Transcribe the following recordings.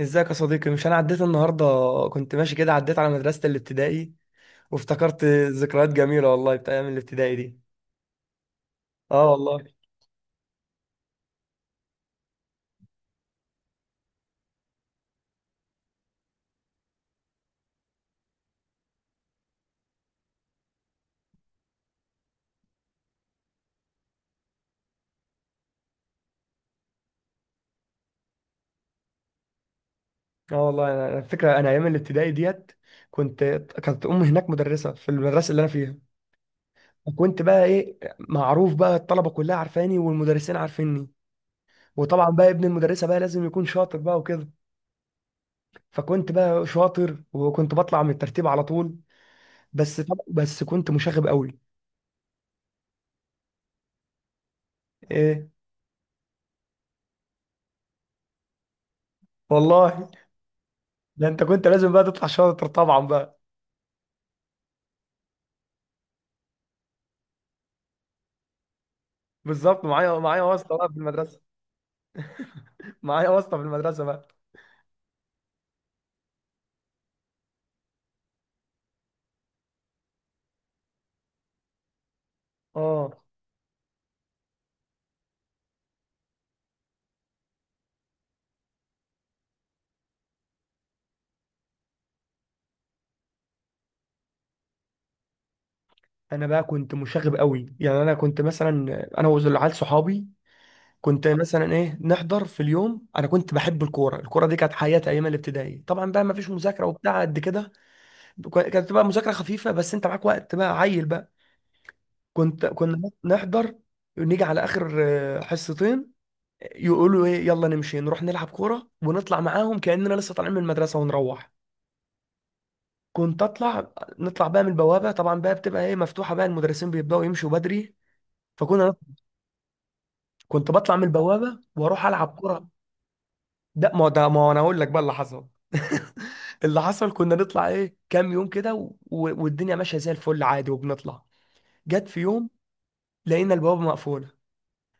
ازيك يا صديقي؟ مش انا عديت النهارده، كنت ماشي كده عديت على مدرسة الابتدائي وافتكرت. ذكريات جميلة والله بتاع ايام الابتدائي دي. اه والله. اه والله انا الفكرة انا ايام الابتدائي ديت كنت. كانت امي هناك مدرسة في المدرسة اللي انا فيها. وكنت بقى ايه معروف بقى، الطلبة كلها عارفاني والمدرسين عارفيني. وطبعا بقى ابن المدرسة بقى لازم يكون شاطر بقى وكده. فكنت بقى شاطر وكنت بطلع من الترتيب على طول. بس طب بس كنت مشاغب قوي. ايه والله، ده انت كنت لازم بقى تطلع شاطر طبعا بقى. بالظبط، معايا واسطه بقى في المدرسه، معايا واسطه في المدرسه بقى. اه انا بقى كنت مشاغب قوي، يعني انا كنت مثلا، انا والعيال صحابي، كنت مثلا ايه نحضر في اليوم. انا كنت بحب الكوره، الكوره دي كانت حياتي ايام الابتدائي، طبعا بقى ما فيش مذاكره وبتاع قد كده. كانت بقى مذاكره خفيفه بس انت معاك وقت بقى عيل بقى. كنت كنا نحضر، نيجي على اخر حصتين، يقولوا ايه يلا نمشي نروح نلعب كوره ونطلع معاهم كاننا لسه طالعين من المدرسه ونروح. كنت اطلع، نطلع بقى من البوابه طبعا بقى، بتبقى ايه مفتوحه بقى، المدرسين بيبداوا يمشوا بدري. فكنا، كنت بطلع من البوابه واروح العب كره. ده ما هو انا اقول لك بقى اللي حصل. اللي حصل كنا نطلع ايه كام يوم كده و... والدنيا ماشيه زي الفل عادي وبنطلع. جت في يوم لقينا البوابه مقفوله،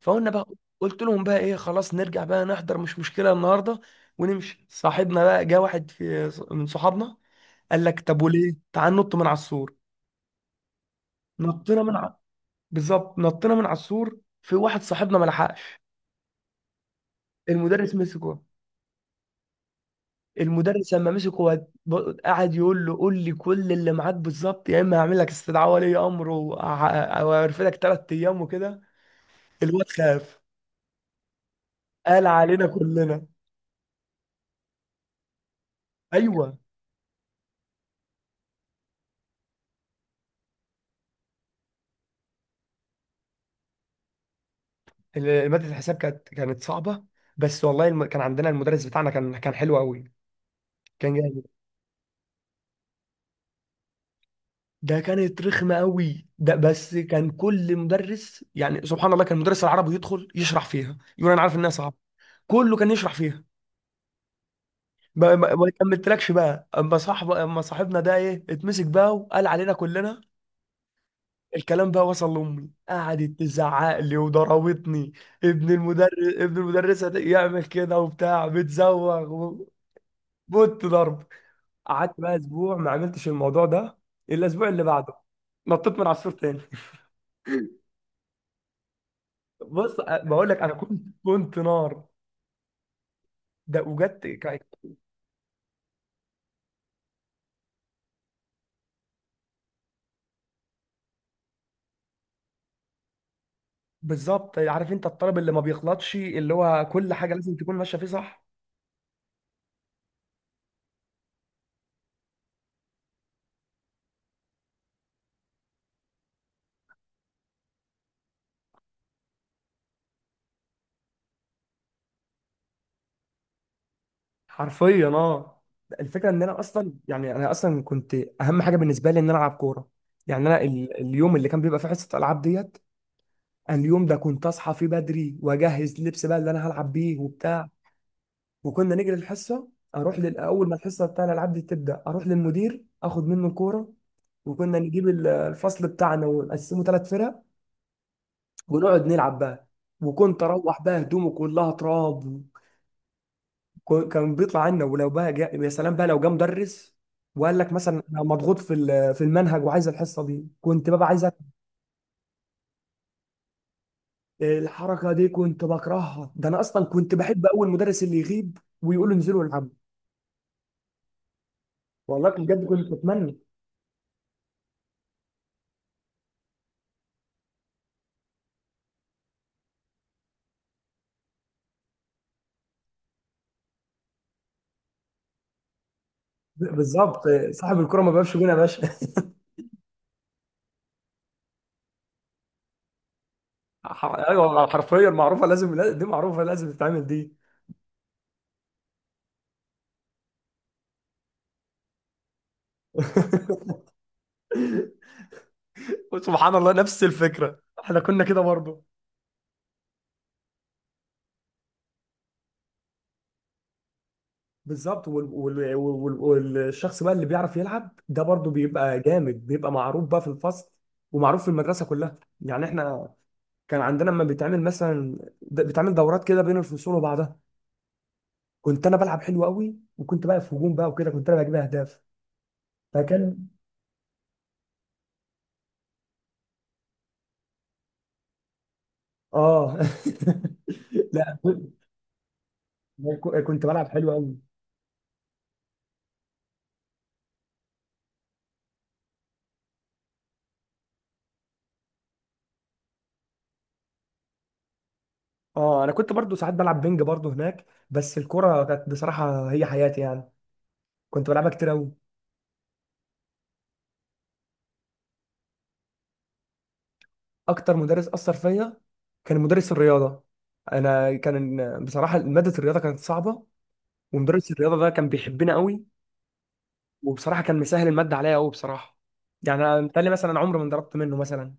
فقلنا بقى، قلت لهم بقى ايه خلاص نرجع بقى نحضر مش مشكله النهارده ونمشي. صاحبنا بقى جه واحد في من صحابنا قال لك طب وليه، تعال نط من على السور. نطينا من على، بالظبط نطينا من على السور، في واحد صاحبنا ما لحقش. المدرس مسكه، المدرس لما مسكه هو، قعد يقول له قول لي كل اللي معاك بالظبط، يا اما هعمل لك استدعاء ولي امر وهرفدك ثلاث ايام وكده. الواد خاف قال علينا كلنا. ايوه، ماده الحساب كانت صعبه، بس والله الم... كان عندنا المدرس بتاعنا كان حلو قوي، كان جامد. ده كانت رخمة قوي ده، بس كان كل مدرس يعني سبحان الله، كان مدرس العربي يدخل يشرح فيها يقول انا عارف انها صعبة. كله كان يشرح فيها. ما كملتلكش بقى، اما صاحبنا ده ايه اتمسك بقى وقال علينا كلنا. الكلام بقى وصل لامي قعدت تزعق لي وضربتني. ابن المدرس، ابن المدرسه ده يعمل كده وبتاع بتزوغ بوت ضرب. قعدت بقى اسبوع ما عملتش الموضوع ده، الا الاسبوع اللي بعده نطيت من عصفور تاني. بص بقول لك انا كنت نار. ده وجدت بالظبط، عارف انت الطالب اللي ما بيغلطش، اللي هو كل حاجه لازم تكون ماشيه فيه صح. حرفيا اه. الفكره ان انا اصلا كنت اهم حاجه بالنسبه لي ان انا العب كوره. يعني انا اليوم اللي كان بيبقى فيه حصه العاب ديت، أنا اليوم ده كنت اصحى فيه بدري واجهز لبس بقى اللي انا هلعب بيه وبتاع. وكنا نجري الحصه، اروح اول ما الحصه بتاع الالعاب دي تبدا اروح للمدير اخد منه الكوره. وكنا نجيب الفصل بتاعنا ونقسمه ثلاث فرق ونقعد نلعب بقى. وكنت اروح بقى هدومه كلها تراب. كان بيطلع عنا، ولو بقى جا... يا سلام بقى لو جه مدرس وقال لك مثلا انا مضغوط في في المنهج وعايز الحصه دي، كنت بقى عايز الحركه دي كنت بكرهها. ده انا اصلا كنت بحب اول مدرس اللي يغيب ويقول له انزلوا العبوا. والله كنت بجد كنت بتمنى. بالظبط، صاحب الكرة ما بيبقاش جون يا باشا. ح- ايوه حرفيا معروفه لازم دي معروفه لازم تتعمل دي. سبحان الله نفس الفكره، احنا كنا كده برضه. بالظبط، والشخص بقى اللي بيعرف يلعب ده برضه بيبقى جامد، بيبقى معروف بقى في الفصل ومعروف في المدرسه كلها. يعني احنا كان عندنا لما بيتعمل مثلا بيتعمل دورات كده بين الفصول وبعضها، كنت انا بلعب حلو قوي، وكنت بقى في هجوم بقى وكده كنت انا بجيب اهداف. فكان اه. لا كنت، كنت بلعب حلو قوي. اه انا كنت برضه ساعات بلعب بينج برضه هناك، بس الكره كانت بصراحه هي حياتي يعني، كنت بلعبها كتير قوي. اكتر مدرس اثر فيا كان مدرس الرياضه. انا كان، بصراحه ماده الرياضه كانت صعبه، ومدرس الرياضه ده كان بيحبنا قوي، وبصراحه كان مسهل الماده عليا قوي بصراحه. يعني انا متهيألي مثلا عمري ما انضربت منه مثلا.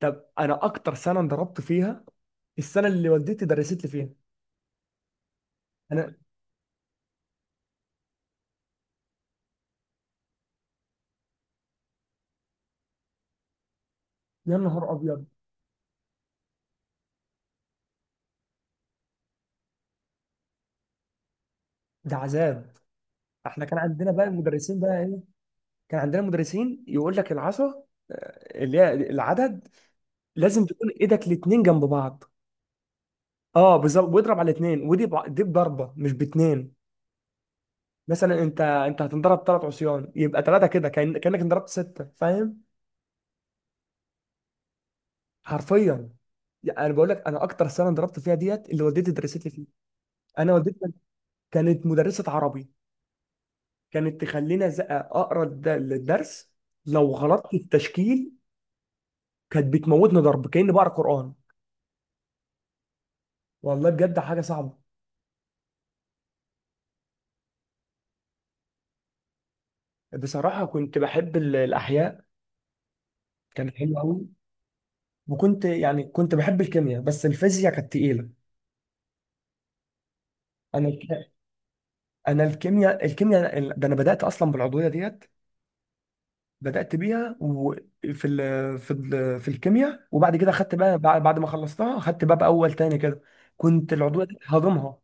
طب انا اكتر سنه انضربت فيها السنه اللي والدتي درست لي فيها. انا يا نهار ابيض، ده عذاب. احنا كان عندنا بقى المدرسين بقى ايه، كان عندنا مدرسين يقول لك العصا اللي هي العدد، لازم تكون ايدك الاتنين جنب بعض. اه بالظبط، واضرب على اتنين، ودي دي بضربه مش باتنين. مثلا انت هتنضرب ثلاث عصيان يبقى ثلاثه كده، كأن... كانك انضربت سته، فاهم؟ حرفيا، يعني انا بقول لك انا اكتر سنه انضربت فيها ديت اللي والدتي درست لي فيها. انا والدتي كانت مدرسه عربي، كانت تخلينا اقرا الدرس، لو غلطت في التشكيل كانت بتموتني ضرب كاني بقرا قران. والله بجد حاجه صعبه. بصراحه كنت بحب الاحياء، كانت حلوه قوي، وكنت يعني كنت بحب الكيمياء بس الفيزياء كانت تقيله. انا الك- انا الكيمياء، الكيمياء ده انا بدات اصلا بالعضويه ديت، بدأت بيها وفي ال في ال في الكيمياء، وبعد كده خدت بقى بعد ما خلصتها خدت باب أول تاني كده. كنت العضوية دي هضمها.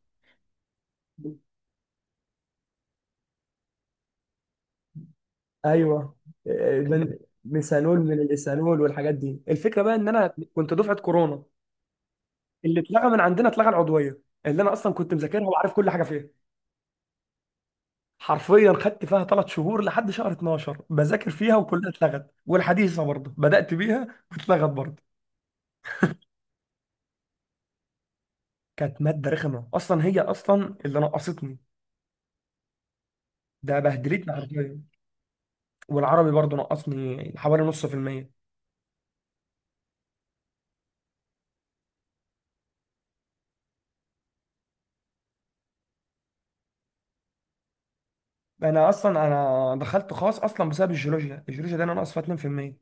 ايوه آه، من ميثانول من الايثانول والحاجات دي. الفكرة بقى إن أنا كنت دفعة كورونا، اللي اتلغى من عندنا اتلغى العضوية اللي أنا أصلا كنت مذاكرها وعارف كل حاجة فيها. حرفيا خدت فيها ثلاث شهور لحد شهر 12 بذاكر فيها وكلها اتلغت، والحديثة برضه بدأت بيها واتلغت برضه. كانت مادة رخمة أصلا هي أصلا اللي نقصتني، ده بهدلتني حرفيا. والعربي برضو نقصني حوالي 50%. انا اصلا انا دخلت خاص اصلا بسبب الجيولوجيا، الجيولوجيا ده انا ناقص فيها 2%.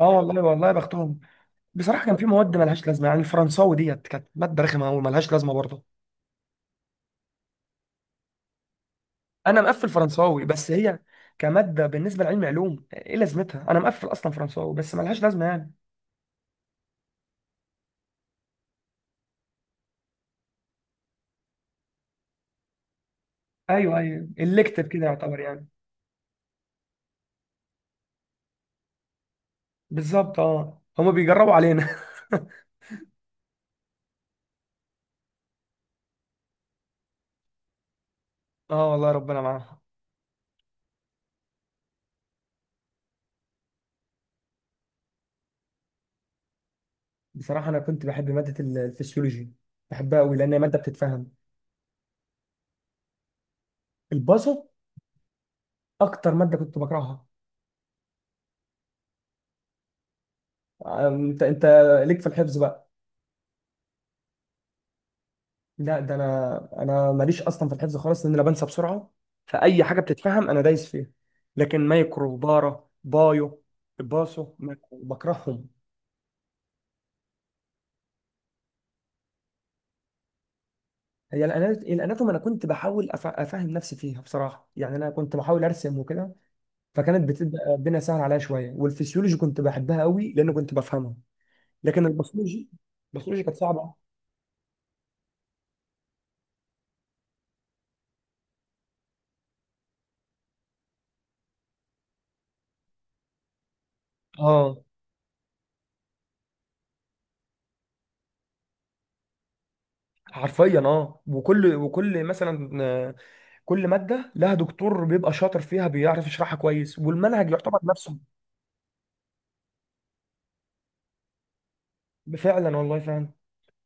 اه والله والله يا بختهم. بصراحة كان في مواد ملهاش لازمة، يعني الفرنساوي ديت كانت مادة رخمة أوي ملهاش لازمة برضه. انا مقفل فرنساوي بس هي كمادة بالنسبة لعلم علوم ايه لازمتها، انا مقفل اصلا فرنساوي بس ملهاش لازمة يعني. ايوه ايوه الكتف كده يعتبر يعني. بالظبط اه، هما بيجربوا علينا. اه والله ربنا معاهم. بصراحة أنا كنت بحب مادة الفسيولوجي، بحبها أوي لأن هي مادة بتتفهم. الباصو أكتر مادة كنت بكرهها. أنت ليك في الحفظ بقى. لا ده أنا ماليش أصلا في الحفظ خالص، لأن أنا بنسى بسرعة، فأي حاجة بتتفهم أنا دايس فيها. لكن مايكرو بارا بايو باصو بكرههم. هي الأناتوم، أنا كنت بحاول أفهم نفسي فيها بصراحة، يعني أنا كنت بحاول أرسم وكده، فكانت بتبقى الدنيا سهلة عليا شوية. والفسيولوجي كنت بحبها أوي لأن كنت بفهمها، لكن الباثولوجي، الباثولوجي كانت صعبه. اه حرفيا اه، وكل مثلا كل ماده لها دكتور بيبقى شاطر فيها بيعرف يشرحها كويس، والمنهج يعتبر نفسه. فعلا والله فعلا،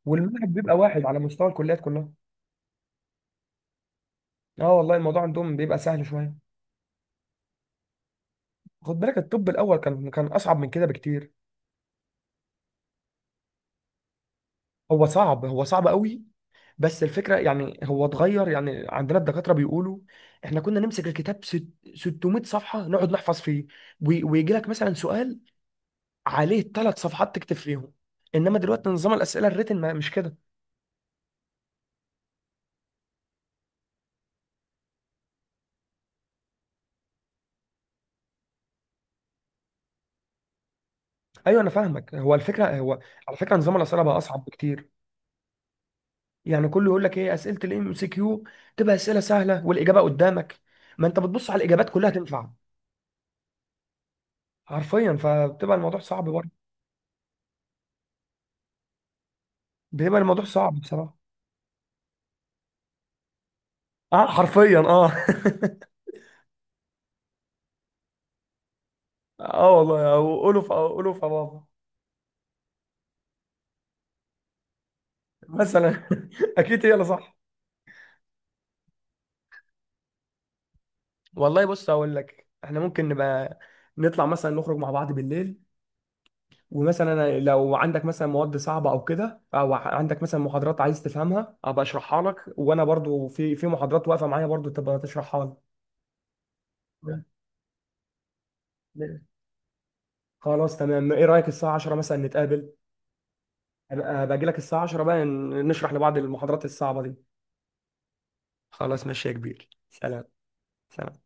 والمنهج بيبقى واحد على مستوى الكليات كلها. اه والله الموضوع عندهم بيبقى سهل شويه. خد بالك الطب الاول كان اصعب من كده بكتير. هو صعب، هو صعب قوي، بس الفكره يعني هو اتغير، يعني عندنا الدكاتره بيقولوا احنا كنا نمسك الكتاب 600 صفحه نقعد نحفظ فيه، ويجي لك مثلا سؤال عليه ثلاث صفحات تكتب فيهم. انما دلوقتي نظام الاسئله الريتن مش كده. ايوه انا فاهمك، هو الفكره هو، على فكره نظام الاسئله بقى اصعب بكتير. يعني كله يقول لك ايه اسئله الام سي كيو تبقى اسئله سهله والاجابه قدامك، ما انت بتبص على الاجابات كلها تنفع. حرفيا فبتبقى الموضوع صعب برضه، بيبقى الموضوع صعب بصراحه. اه حرفيا اه. اه والله، او قولوا في أو قولوا في بابا مثلا. اكيد هي اللي صح. والله بص هقول لك، احنا ممكن نبقى نطلع مثلا نخرج مع بعض بالليل، ومثلا أنا لو عندك مثلا مواد صعبه او كده، او عندك مثلا محاضرات عايز تفهمها ابقى اشرحها لك، وانا برضو في محاضرات واقفه معايا برضو تبقى تشرحها لي. تمام. خلاص تمام، ايه رايك الساعه 10 مثلا نتقابل؟ ابقى باجي لك الساعه 10 بقى نشرح لبعض المحاضرات الصعبه دي. خلاص ماشي يا كبير، سلام. سلام.